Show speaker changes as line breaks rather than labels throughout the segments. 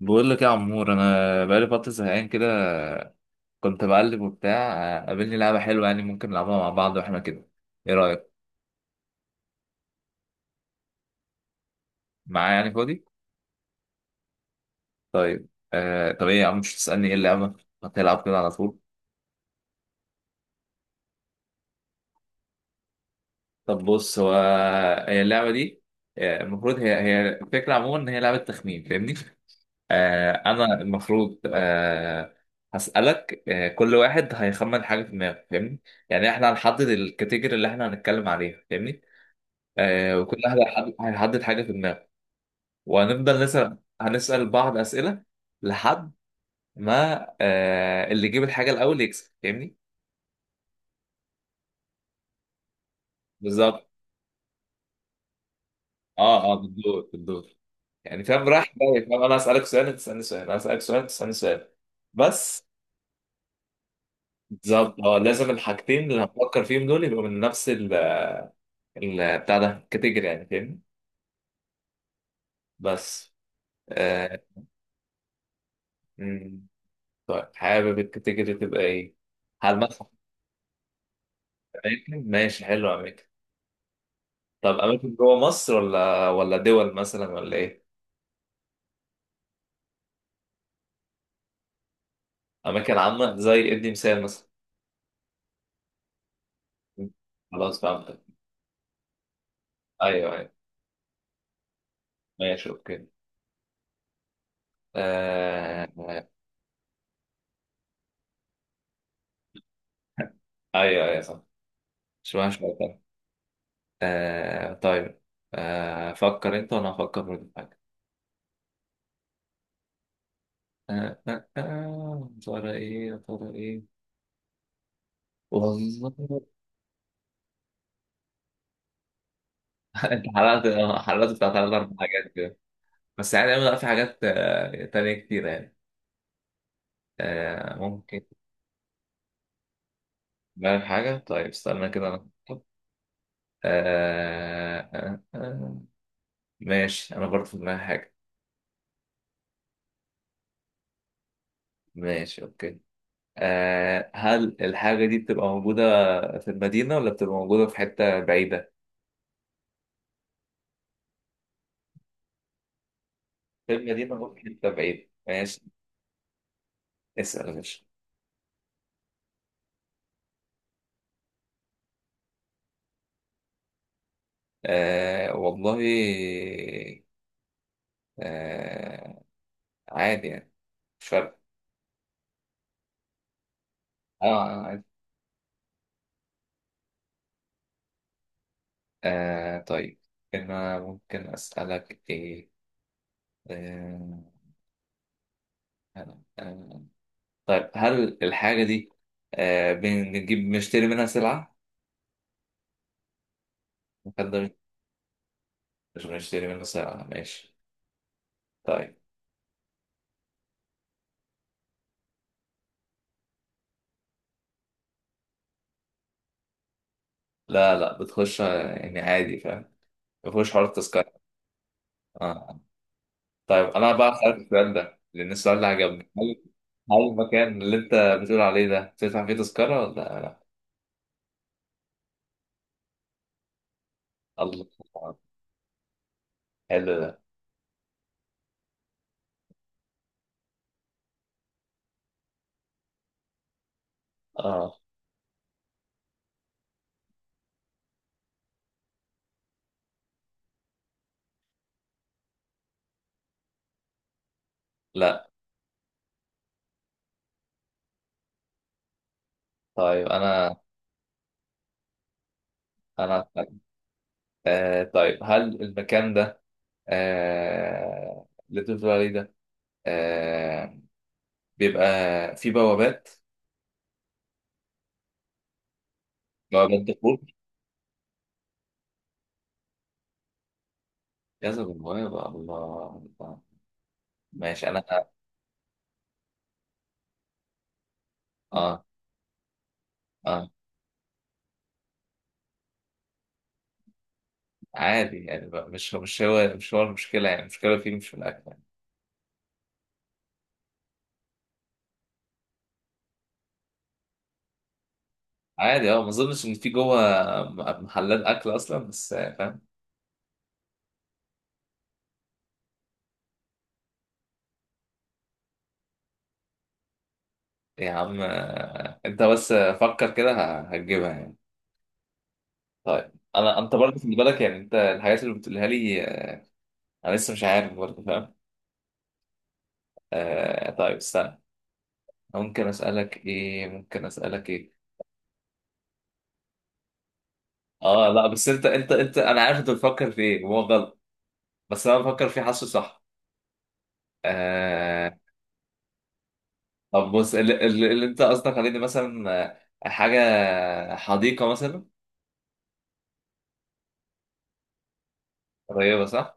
بقول لك يا عمور، انا بقالي فتره زهقان كده. كنت بقلب وبتاع قابلني لعبه حلوه، يعني ممكن نلعبها مع بعض واحنا كده. ايه رايك؟ معايا يعني فاضي. طيب طب ايه يا عم، مش تسالني ايه اللعبه؟ هتلعب كده على طول؟ طب بص، هو هي اللعبه دي، المفروض هي الفكره عموما ان هي لعبه تخمين، فاهمني؟ انا المفروض، هسالك، كل واحد هيخمن حاجه في دماغه، فاهمني؟ يعني احنا هنحدد الكاتيجوري اللي احنا هنتكلم عليها، فاهمني؟ وكل واحد هيحدد حاجة في دماغه. وهنفضل هنسأل بعض أسئلة، لحد ما، اللي يجيب الحاجة الأول يكسب، فاهمني؟ بالظبط. اه، اه، بالدور بالدور. يعني فاهم، راح جاي، فاهم؟ أنا أسألك سؤال، أنت تسألني سؤال، أنا أسألك سؤال، أنت تسألني سؤال بس. بالظبط، اه، لازم الحاجتين اللي هنفكر فيهم دول يبقوا من نفس ال، بتاع ده، الكاتيجوري يعني، فاهمني؟ بس آه مم. طيب، حابب الكاتيجوري تبقى إيه؟ هل مثلا أماكن؟ ماشي، حلو، أماكن. طب اماكن جوه مصر، ولا دول مثلا، ولا ايه؟ اماكن عامه، زي ادي مثال مثلا. خلاص فهمتك. ايوه، ايوه، ماشي، اوكي. آه... آه، ايوه، ايوه، صح. مش معنى شويه تاني. طيب. فكر انت، وانا هفكر برضه في حاجه. يا ترى ايه، يا ترى ايه. والله انت حرقت، حرقت بتاع ثلاث اربع حاجات كده. بس يعني أنا في حاجات تانية كتير يعني. ممكن. بالك حاجه، طيب استنى كده انا. آه آه آه ماشي، أنا برضه في دماغي حاجة. ماشي، أوكي. هل الحاجة دي بتبقى موجودة في المدينة، ولا بتبقى موجودة في حتة بعيدة؟ في المدينة ولا في حتة بعيدة، ماشي. اسأل يا باشا. والله. آه عادي يعني، مش فارقة. آه عادي. طيب، أنا ممكن أسألك إيه؟ آه آه آه. طيب، هل الحاجة دي، بنجيب، بنشتري منها سلعة؟ حد. مش بنشتري منه ساعة، ماشي. طيب. لا، لا، بتخش يعني عادي، فاهم. مفيهوش حوار التذكرة. آه. طيب، أنا بقى هسألك السؤال ده، لأن السؤال ده عجبني. هل، هل المكان اللي أنت بتقول عليه ده تدفع فيه تذكرة، ولا لا؟ الله، حلو ده. آه لا. طيب. أنا هسألك. طيب، هل المكان ده، اللي أنت بتقول عليه ده، آه بيبقى فيه بوابات، بوابات دخول. كذا بوابة، الله، ماشي انا. اه، اه، عادي يعني بقى. مش هو، مش هو المشكله، يعني المشكله فيه مش في الاكل يعني. عادي، اه. ما اظنش ان في جوه محلات اكل اصلا، بس فاهم. يا عم انت بس، فكر كده هتجيبها يعني. طيب انا، انت برضه خلي بالك يعني، انت الحاجات اللي بتقولها لي، انا لسه مش عارف برضه، فاهم؟ طيب استنى. ممكن اسالك ايه، ممكن اسالك ايه. اه، لا، بس انت انت، انا عارف انت بتفكر في ايه، هو غلط. بس انا بفكر فيه، حاسه صح. آه طب بص، اللي انت قصدك عليه دي مثلا، حاجة حديقة مثلا. قريبة صح؟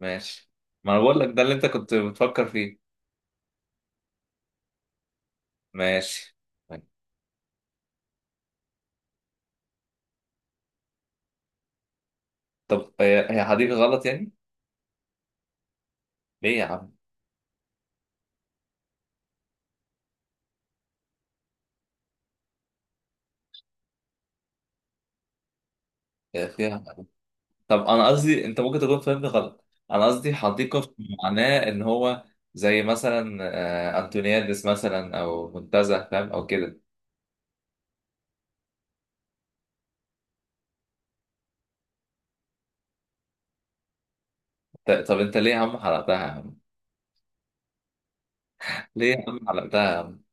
ماشي. ما انا بقول لك، ده اللي انت كنت بتفكر فيه. ماشي. ماشي. طب هي حديقة غلط يعني؟ ليه يا عم؟ هي فيها. طب انا قصدي، انت ممكن تكون فاهمني غلط. انا قصدي حديقة في معناه ان هو، زي مثلا انتونيادس مثلا، او منتزه فاهم، او كده. طب انت ليه يا عم حرقتها يا عم؟ ليه يا عم حرقتها يا عم؟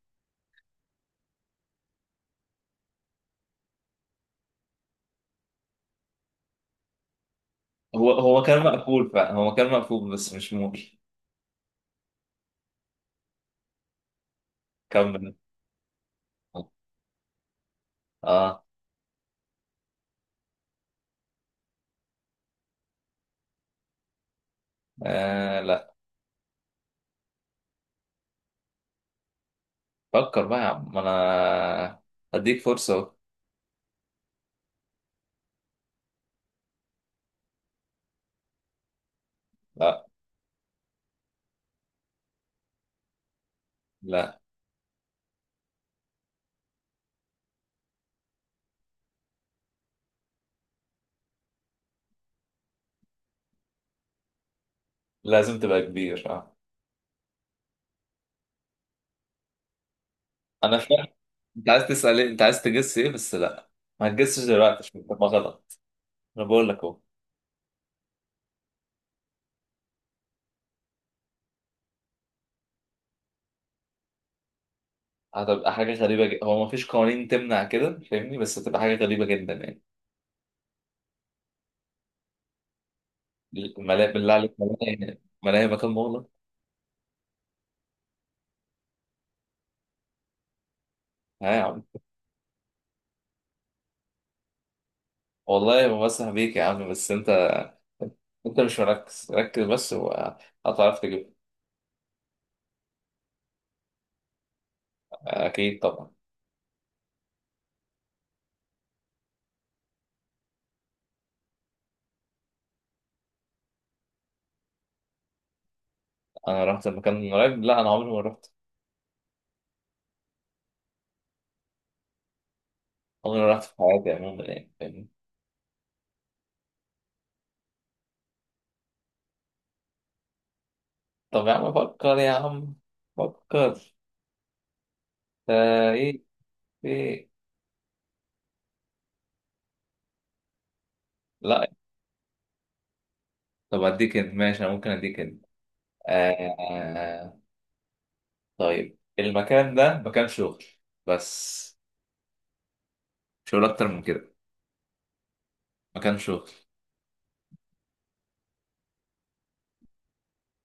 هو كان مقفول فعلا، هو كان مقفول، بس مش مول. كمل. آه. اه، لا. فكر بقى يا عم، ما انا هديك فرصة أهو. لا، لا، لازم تبقى كبير، اه. انا فاهم. انت عايز تسأل ايه، انت عايز تجس ايه، بس لا. ما هتجسش دلوقتي عشان تبقى غلط. انا بقول لك اهو. هتبقى حاجة غريبة جدا، هو ما فيش قوانين تمنع كده فاهمني، بس هتبقى حاجة غريبة جدا يعني. ملاهي، بالله عليك، ملاهي. ملاهي مكان مغلق. ها يا عم. والله ما بمسح بيك يا عم، بس انت، انت مش مركز. ركز بس وهتعرف تجيب. اكيد طبعا. انا رحت المكان من قريب؟ لا، انا عمري ما رحت. عمري ما رحت في حياتي عموما يعني فاهمني. طب يا عم فكر يا عم، فكر. ايه، ايه. لا. طب اديك انت، ماشي، انا ممكن اديك انت. آه آه، طيب، المكان ده مكان شغل بس، مش هقول اكتر من كده. مكان شغل.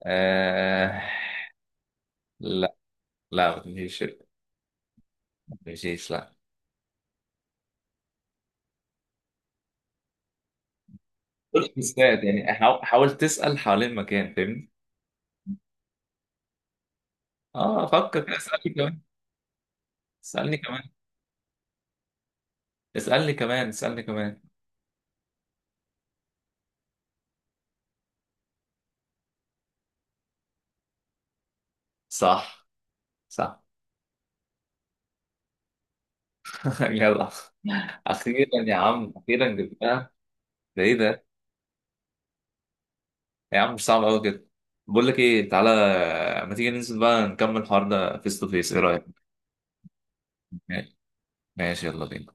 آه لا. لا، مفيش. مفيش، لا. قول حسات يعني، حاول حاول تسأل حوالين المكان فاهمني. اه، فكر كده، اسألني كمان. اسألني كمان. اسألني كمان، اسألني كمان. صح، صح. يلا، اخيرا يا عم، اخيرا جبناها. ده ايه ده؟ يا عم مش صعب قوي كده. بقول لك ايه، تعالى، ما تيجي ننزل بقى نكمل الحوار ده فيس تو فيس، ايه رايك؟ ماشي، يلا بينا.